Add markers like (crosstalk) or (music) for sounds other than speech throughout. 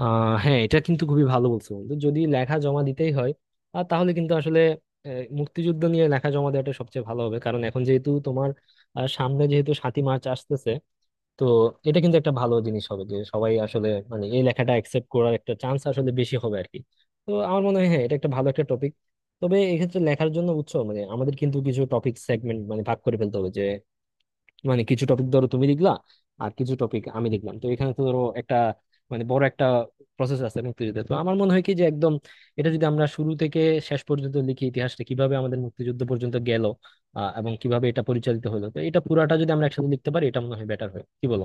হ্যাঁ, এটা কিন্তু খুবই ভালো বলছো, বন্ধু। যদি লেখা জমা দিতেই হয় আর তাহলে কিন্তু আসলে মুক্তিযুদ্ধ নিয়ে লেখা জমা দেওয়াটা সবচেয়ে ভালো হবে, কারণ এখন যেহেতু তোমার সামনে যেহেতু সাতই মার্চ আসতেছে। তো এটা কিন্তু একটা ভালো জিনিস হবে যে সবাই আসলে, মানে, এই লেখাটা অ্যাকসেপ্ট করার একটা চান্স আসলে বেশি হবে আর কি। তো আমার মনে হয় হ্যাঁ, এটা একটা ভালো একটা টপিক। তবে এক্ষেত্রে লেখার জন্য উৎস, মানে আমাদের কিন্তু কিছু টপিক সেগমেন্ট, মানে ভাগ করে ফেলতে হবে। মানে কিছু টপিক ধরো তুমি লিখলা আর কিছু টপিক আমি লিখলাম। তো এখানে তো ধরো একটা, মানে বড় একটা প্রসেস আছে মুক্তিযুদ্ধের। তো আমার মনে হয় কি যে একদম এটা যদি আমরা শুরু থেকে শেষ পর্যন্ত লিখি, ইতিহাসটা কিভাবে আমাদের মুক্তিযুদ্ধ পর্যন্ত গেল এবং কিভাবে এটা পরিচালিত হলো। তো এটা পুরাটা যদি আমরা একসাথে লিখতে পারি, এটা মনে হয় বেটার হয়, কি বলো?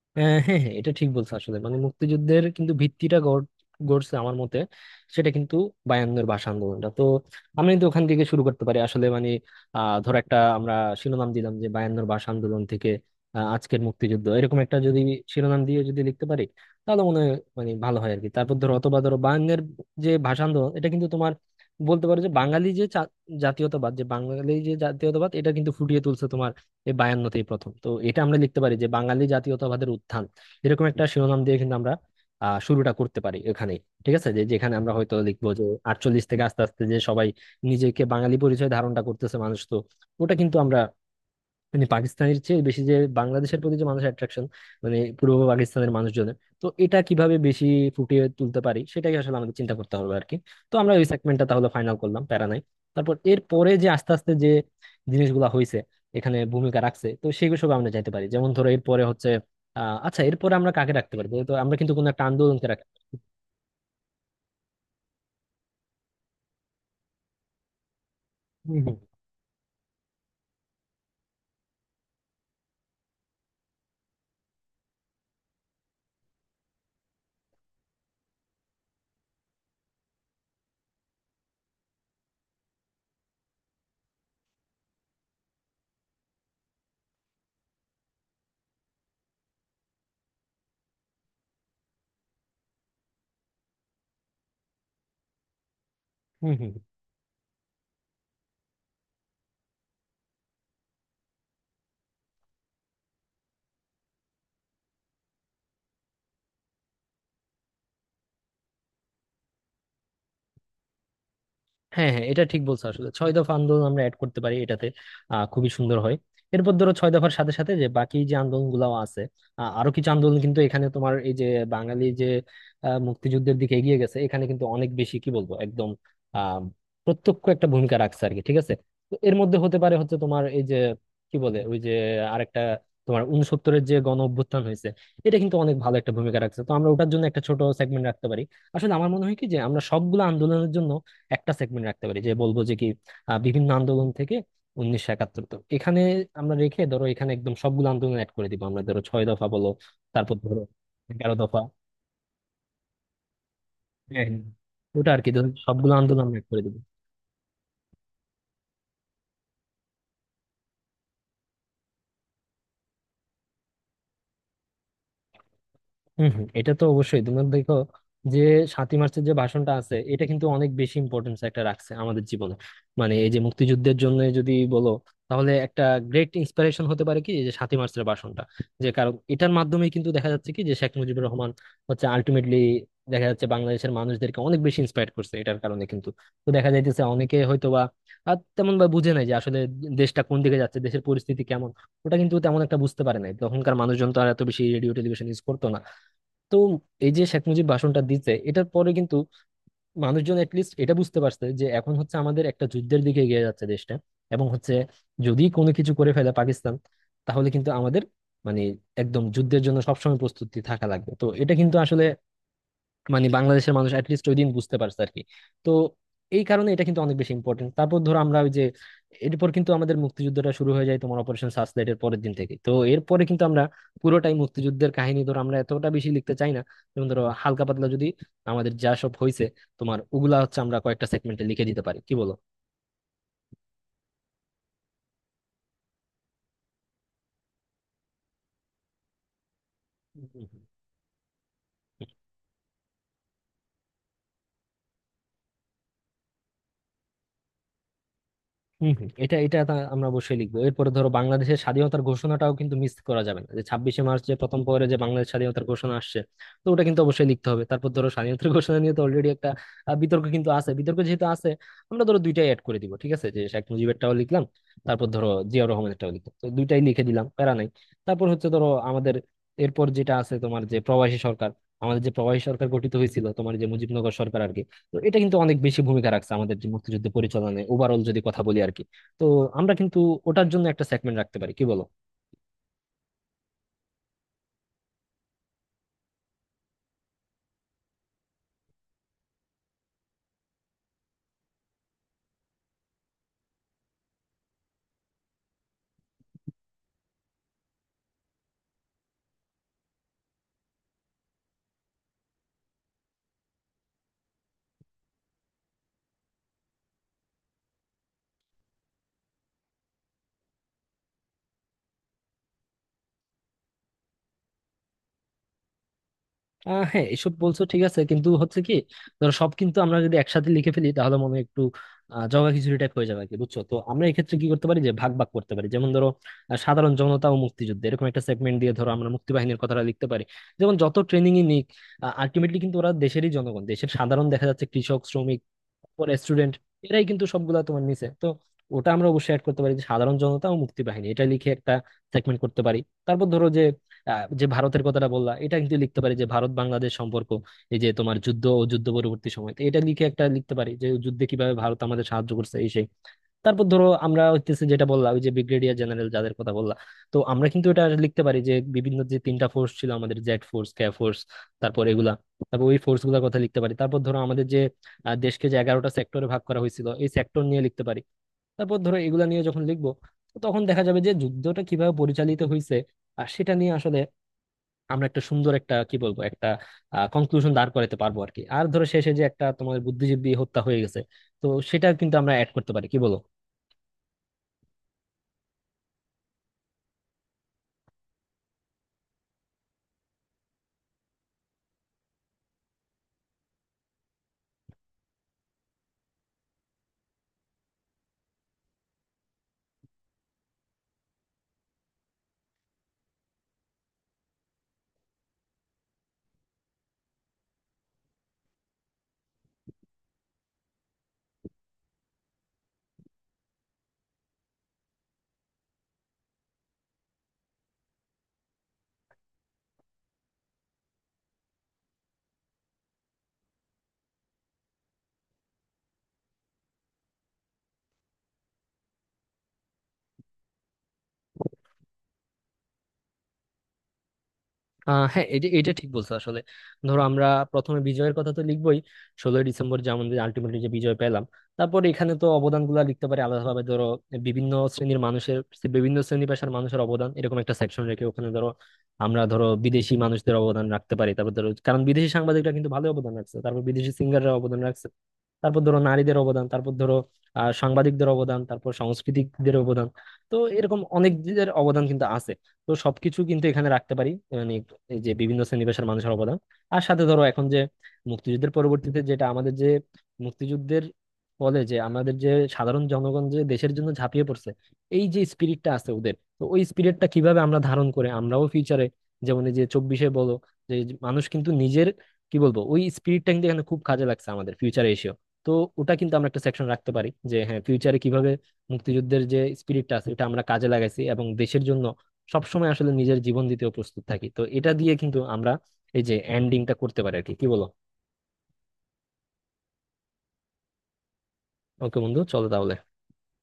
আহ, হ্যাঁ, হ্যাঁ, এটা ঠিক বলছো আসলে। মানে মুক্তিযুদ্ধের কিন্তু ভিত্তিটা গড়ছে আমার মতে, সেটা কিন্তু বায়ান্নর ভাষা আন্দোলনটা। তো আমরা কিন্তু ওখান থেকে শুরু করতে পারি আসলে। মানে ধর একটা আমরা শিরোনাম দিলাম যে বায়ান্নর ভাষা আন্দোলন থেকে আজকের মুক্তিযুদ্ধ, এরকম একটা যদি শিরোনাম দিয়ে যদি লিখতে পারি, তাহলে মনে হয়, মানে, ভালো হয় আর কি। তারপর ধরো, অথবা ধরো বায়ান্নের যে ভাষা আন্দোলন এটা কিন্তু তোমার বলতে পারো যে বাঙালি যে জাতীয়তাবাদ, যে বাঙালি যে জাতীয়তাবাদ এটা কিন্তু ফুটিয়ে তুলছে তোমার এই বায়ান্নতেই প্রথম। তো এটা আমরা লিখতে পারি যে বাঙালি জাতীয়তাবাদের উত্থান, এরকম একটা শিরোনাম দিয়ে কিন্তু আমরা শুরুটা করতে পারি এখানে। ঠিক আছে, যে যেখানে আমরা হয়তো লিখবো যে আটচল্লিশ থেকে আস্তে আস্তে যে সবাই নিজেকে বাঙালি পরিচয় ধারণটা করতেছে মানুষ। তো ওটা কিন্তু আমরা, মানে পাকিস্তানের চেয়ে বেশি যে বাংলাদেশের প্রতি যে মানুষের অ্যাট্রাকশন, মানে পূর্ব পাকিস্তানের মানুষজনের, তো এটা কিভাবে বেশি ফুটিয়ে তুলতে পারি সেটাই আসলে আমাদের চিন্তা করতে হবে আর কি। তো আমরা ওই সেগমেন্টটা তাহলে ফাইনাল করলাম, প্যারা নাই। তারপর এর পরে যে আস্তে আস্তে যে জিনিসগুলো হয়েছে, এখানে ভূমিকা রাখছে, তো সেগুলো সব আমরা যাইতে পারি। যেমন ধরো এরপরে হচ্ছে আচ্ছা, এরপরে আমরা কাকে রাখতে পারি? তো আমরা কিন্তু কোনো একটা আন্দোলনকে রাখতে, হম। হম, হ্যাঁ, হ্যাঁ, এটা ঠিক বলছো আসলে, ছয় দফা আন্দোলন আমরা অ্যাড করতে পারি এটাতে। খুবই সুন্দর হয়। এরপর ধরো ছয় দফার সাথে সাথে যে বাকি যে আন্দোলন গুলাও আছে, আরো কিছু আন্দোলন কিন্তু এখানে তোমার এই যে বাঙালি যে মুক্তিযুদ্ধের দিকে এগিয়ে গেছে, এখানে কিন্তু অনেক বেশি, কি বলবো, একদম আহ প্রত্যক্ষ একটা ভূমিকা রাখছে আর কি। ঠিক আছে। তো এর মধ্যে হতে পারে হচ্ছে তোমার এই যে, কি বলে ওই যে আরেকটা, তোমার উনসত্তরের যে গণ অভ্যুত্থান হয়েছে, এটা কিন্তু অনেক ভালো একটা ভূমিকা রাখছে। তো আমরা ওটার জন্য একটা ছোট সেগমেন্ট রাখতে পারি। আসলে আমার মনে হয় কি যে আমরা সবগুলো আন্দোলনের জন্য একটা সেগমেন্ট রাখতে পারি, যে বলবো যে কি বিভিন্ন আন্দোলন থেকে 1971, তো এখানে আমরা রেখে ধরো এখানে একদম সবগুলো আন্দোলন অ্যাড করে দিব। আমরা ধরো ছয় দফা বলো, তারপর ধরো এগারো দফা। হ্যাঁ, হ্যাঁ। ওটা আর কি ধরো সবগুলো আন্দোলন অ্যাড করে দিব। হম, হম, এটা তো অবশ্যই। তুমি দেখো যে সাতই মার্চের যে ভাষণটা আছে, এটা কিন্তু অনেক বেশি ইম্পর্টেন্স একটা রাখছে আমাদের জীবনে। মানে এই যে মুক্তিযুদ্ধের জন্য যদি বলো, তাহলে একটা গ্রেট ইন্সপিরেশন হতে পারে কি এই যে সাতই মার্চের ভাষণটা। যে কারণ এটার মাধ্যমে কিন্তু দেখা যাচ্ছে কি যে শেখ মুজিবুর রহমান হচ্ছে আলটিমেটলি দেখা যাচ্ছে বাংলাদেশের মানুষদেরকে অনেক বেশি ইন্সপায়ার করছে এটার কারণে কিন্তু। তো দেখা যাইতেছে অনেকে হয়তো বা আর তেমন বা বুঝে নাই যে আসলে দেশটা কোন দিকে যাচ্ছে, দেশের পরিস্থিতি কেমন। ওটা কিন্তু তেমন একটা বুঝতে পারে নাই তখনকার মানুষজন, তো আর এত বেশি রেডিও টেলিভিশন ইউজ করতো না। তো এই যে শেখ মুজিব ভাষণটা দিচ্ছে, এটার পরে কিন্তু মানুষজন এটলিস্ট এটা বুঝতে পারছে যে এখন হচ্ছে আমাদের একটা যুদ্ধের দিকে এগিয়ে যাচ্ছে দেশটা। এবং হচ্ছে যদি কোনো কিছু করে ফেলে পাকিস্তান, তাহলে কিন্তু আমাদের, মানে, একদম যুদ্ধের জন্য সবসময় প্রস্তুতি থাকা লাগবে। তো এটা কিন্তু আসলে, মানে, বাংলাদেশের মানুষ অ্যাটলিস্ট ওই দিন বুঝতে পারছে আর কি। তো এই কারণে এটা কিন্তু অনেক বেশি ইম্পর্টেন্ট। তারপর ধরো আমরা ওই যে, এরপর কিন্তু আমাদের মুক্তিযুদ্ধটা শুরু হয়ে যায় তোমার অপারেশন সার্চলাইট এর পরের দিন থেকে। তো এরপরে কিন্তু আমরা পুরোটাই মুক্তিযুদ্ধের কাহিনী ধরো আমরা এতটা বেশি লিখতে চাই না। যেমন ধরো হালকা পাতলা যদি আমাদের যা সব হয়েছে তোমার ওগুলা হচ্ছে আমরা কয়েকটা সেগমেন্টে লিখে দিতে পারি, কি বলো? হম, হম, এটা এটা তা আমরা অবশ্যই লিখবো। এরপরে ধরো বাংলাদেশের স্বাধীনতার ঘোষণাটাও কিন্তু মিস করা যাবে না, যে ছাব্বিশে মার্চ যে প্রথম পরে যে বাংলাদেশ স্বাধীনতার ঘোষণা আসছে। তো ওটা কিন্তু অবশ্যই লিখতে হবে। তারপর ধরো স্বাধীনতার (laughs) ঘোষণা নিয়ে তো অলরেডি একটা বিতর্ক কিন্তু আছে। বিতর্ক যেহেতু আছে আমরা ধরো দুইটাই অ্যাড করে দিব, ঠিক আছে, যে শেখ মুজিবেরটাও লিখলাম তারপর ধরো জিয়াউর রহমানেরটাও লিখলাম, তো দুইটাই লিখে দিলাম, প্যারা নাই। তারপর হচ্ছে ধরো আমাদের এরপর যেটা আছে তোমার যে প্রবাসী সরকার, আমাদের যে প্রবাসী সরকার গঠিত হয়েছিল তোমার যে মুজিবনগর সরকার আর কি। তো এটা কিন্তু অনেক বেশি ভূমিকা রাখছে আমাদের যে মুক্তিযুদ্ধ পরিচালনায় ওভারঅল যদি কথা বলি আর কি। তো আমরা কিন্তু ওটার জন্য একটা সেগমেন্ট রাখতে পারি, কি বলো? হ্যাঁ, এসব বলছো ঠিক আছে, কিন্তু হচ্ছে কি, ধরো সব কিন্তু আমরা যদি একসাথে লিখে ফেলি তাহলে মনে হয় একটু জগা খিচুড়ি টাইপ হয়ে যাবে আর কি, বুঝছো? তো আমরা এক্ষেত্রে কি করতে পারি যে ভাগ ভাগ করতে পারি। যেমন ধরো সাধারণ জনতা ও মুক্তিযুদ্ধ, এরকম একটা সেগমেন্ট দিয়ে ধরো আমরা মুক্তি বাহিনীর কথাটা লিখতে পারি। যেমন যত ট্রেনিং ই নিক, আলটিমেটলি কিন্তু ওরা দেশেরই জনগণ, দেশের সাধারণ, দেখা যাচ্ছে কৃষক শ্রমিক পরে স্টুডেন্ট, এরাই কিন্তু সবগুলা তোমার নিচে। তো ওটা আমরা অবশ্যই অ্যাড করতে পারি, যে সাধারণ জনতা ও মুক্তি বাহিনী, এটা লিখে একটা সেগমেন্ট করতে পারি। তারপর ধরো যে যে ভারতের কথাটা বললা, এটা কিন্তু লিখতে পারি যে ভারত বাংলাদেশ সম্পর্ক, এই যে তোমার যুদ্ধ ও যুদ্ধ পরবর্তী সময়। তো এটা লিখে একটা লিখতে পারি যে যুদ্ধে কিভাবে ভারত আমাদের সাহায্য করছে এই সেই। তারপর ধরো আমরা হইতেছে যেটা বললাম ওই যে ব্রিগেডিয়ার জেনারেল যাদের কথা বললাম, তো আমরা কিন্তু এটা লিখতে পারি যে বিভিন্ন যে 3টা ফোর্স ছিল আমাদের, জেড ফোর্স, কে ফোর্স, তারপর এগুলা। তারপর ওই ফোর্স গুলার কথা লিখতে পারি। তারপর ধরো আমাদের যে দেশকে যে 11টা সেক্টরে ভাগ করা হয়েছিল, এই সেক্টর নিয়ে লিখতে পারি। তারপর ধরো এগুলা নিয়ে যখন লিখবো, তখন দেখা যাবে যে যুদ্ধটা কিভাবে পরিচালিত হয়েছে, আর সেটা নিয়ে আসলে আমরা একটা সুন্দর একটা, কি বলবো, একটা কনক্লুশন দাঁড় করাতে পারবো আর কি। আর ধরো শেষে যে একটা তোমার বুদ্ধিজীবী হত্যা হয়ে গেছে, তো সেটা কিন্তু আমরা অ্যাড করতে পারি, কি বলো? হ্যাঁ, এটা এটা ঠিক বলছো আসলে। ধরো আমরা প্রথমে বিজয়ের কথা তো লিখবোই, ষোলোই ডিসেম্বর যে আমাদের আলটিমেটলি যে বিজয় পেলাম। তারপর এখানে তো অবদানগুলো লিখতে পারি আলাদাভাবে। ধরো বিভিন্ন শ্রেণীর মানুষের, বিভিন্ন শ্রেণী পেশার মানুষের অবদান, এরকম একটা সেকশন রেখে ওখানে ধরো আমরা ধরো বিদেশি মানুষদের অবদান রাখতে পারি। তারপর ধরো, কারণ বিদেশি সাংবাদিকরা কিন্তু ভালো অবদান রাখছে, তারপর বিদেশি সিঙ্গাররা অবদান রাখছে, তারপর ধরো নারীদের অবদান, তারপর ধরো সাংবাদিকদের অবদান, তারপর সাংস্কৃতিকদের অবদান। তো এরকম অনেকদের অবদান কিন্তু আছে, তো সবকিছু কিন্তু এখানে রাখতে পারি, মানে এই যে বিভিন্ন শ্রেণীপেশার মানুষের অবদান। আর সাথে ধরো এখন যে মুক্তিযুদ্ধের পরবর্তীতে যেটা আমাদের যে মুক্তিযুদ্ধের ফলে যে আমাদের যে সাধারণ জনগণ যে দেশের জন্য ঝাঁপিয়ে পড়ছে, এই যে স্পিরিটটা আছে ওদের, তো ওই স্পিরিটটা কিভাবে আমরা ধারণ করে আমরাও ফিউচারে, যেমন এই যে চব্বিশে বলো যে মানুষ কিন্তু নিজের, কি বলবো, ওই স্পিরিটটা কিন্তু এখানে খুব কাজে লাগছে আমাদের ফিউচারে এসে। তো ওটা কিন্তু আমরা একটা সেকশন রাখতে পারি যে হ্যাঁ, ফিউচারে কিভাবে মুক্তিযুদ্ধের যে স্পিরিটটা আছে এটা আমরা কাজে লাগাইছি এবং দেশের জন্য সবসময় আসলে নিজের জীবন দিতেও প্রস্তুত থাকি। তো এটা দিয়ে কিন্তু আমরা এই যে এন্ডিংটা করতে পারি আর কি, কি বলো? ওকে বন্ধু, চলো তাহলে।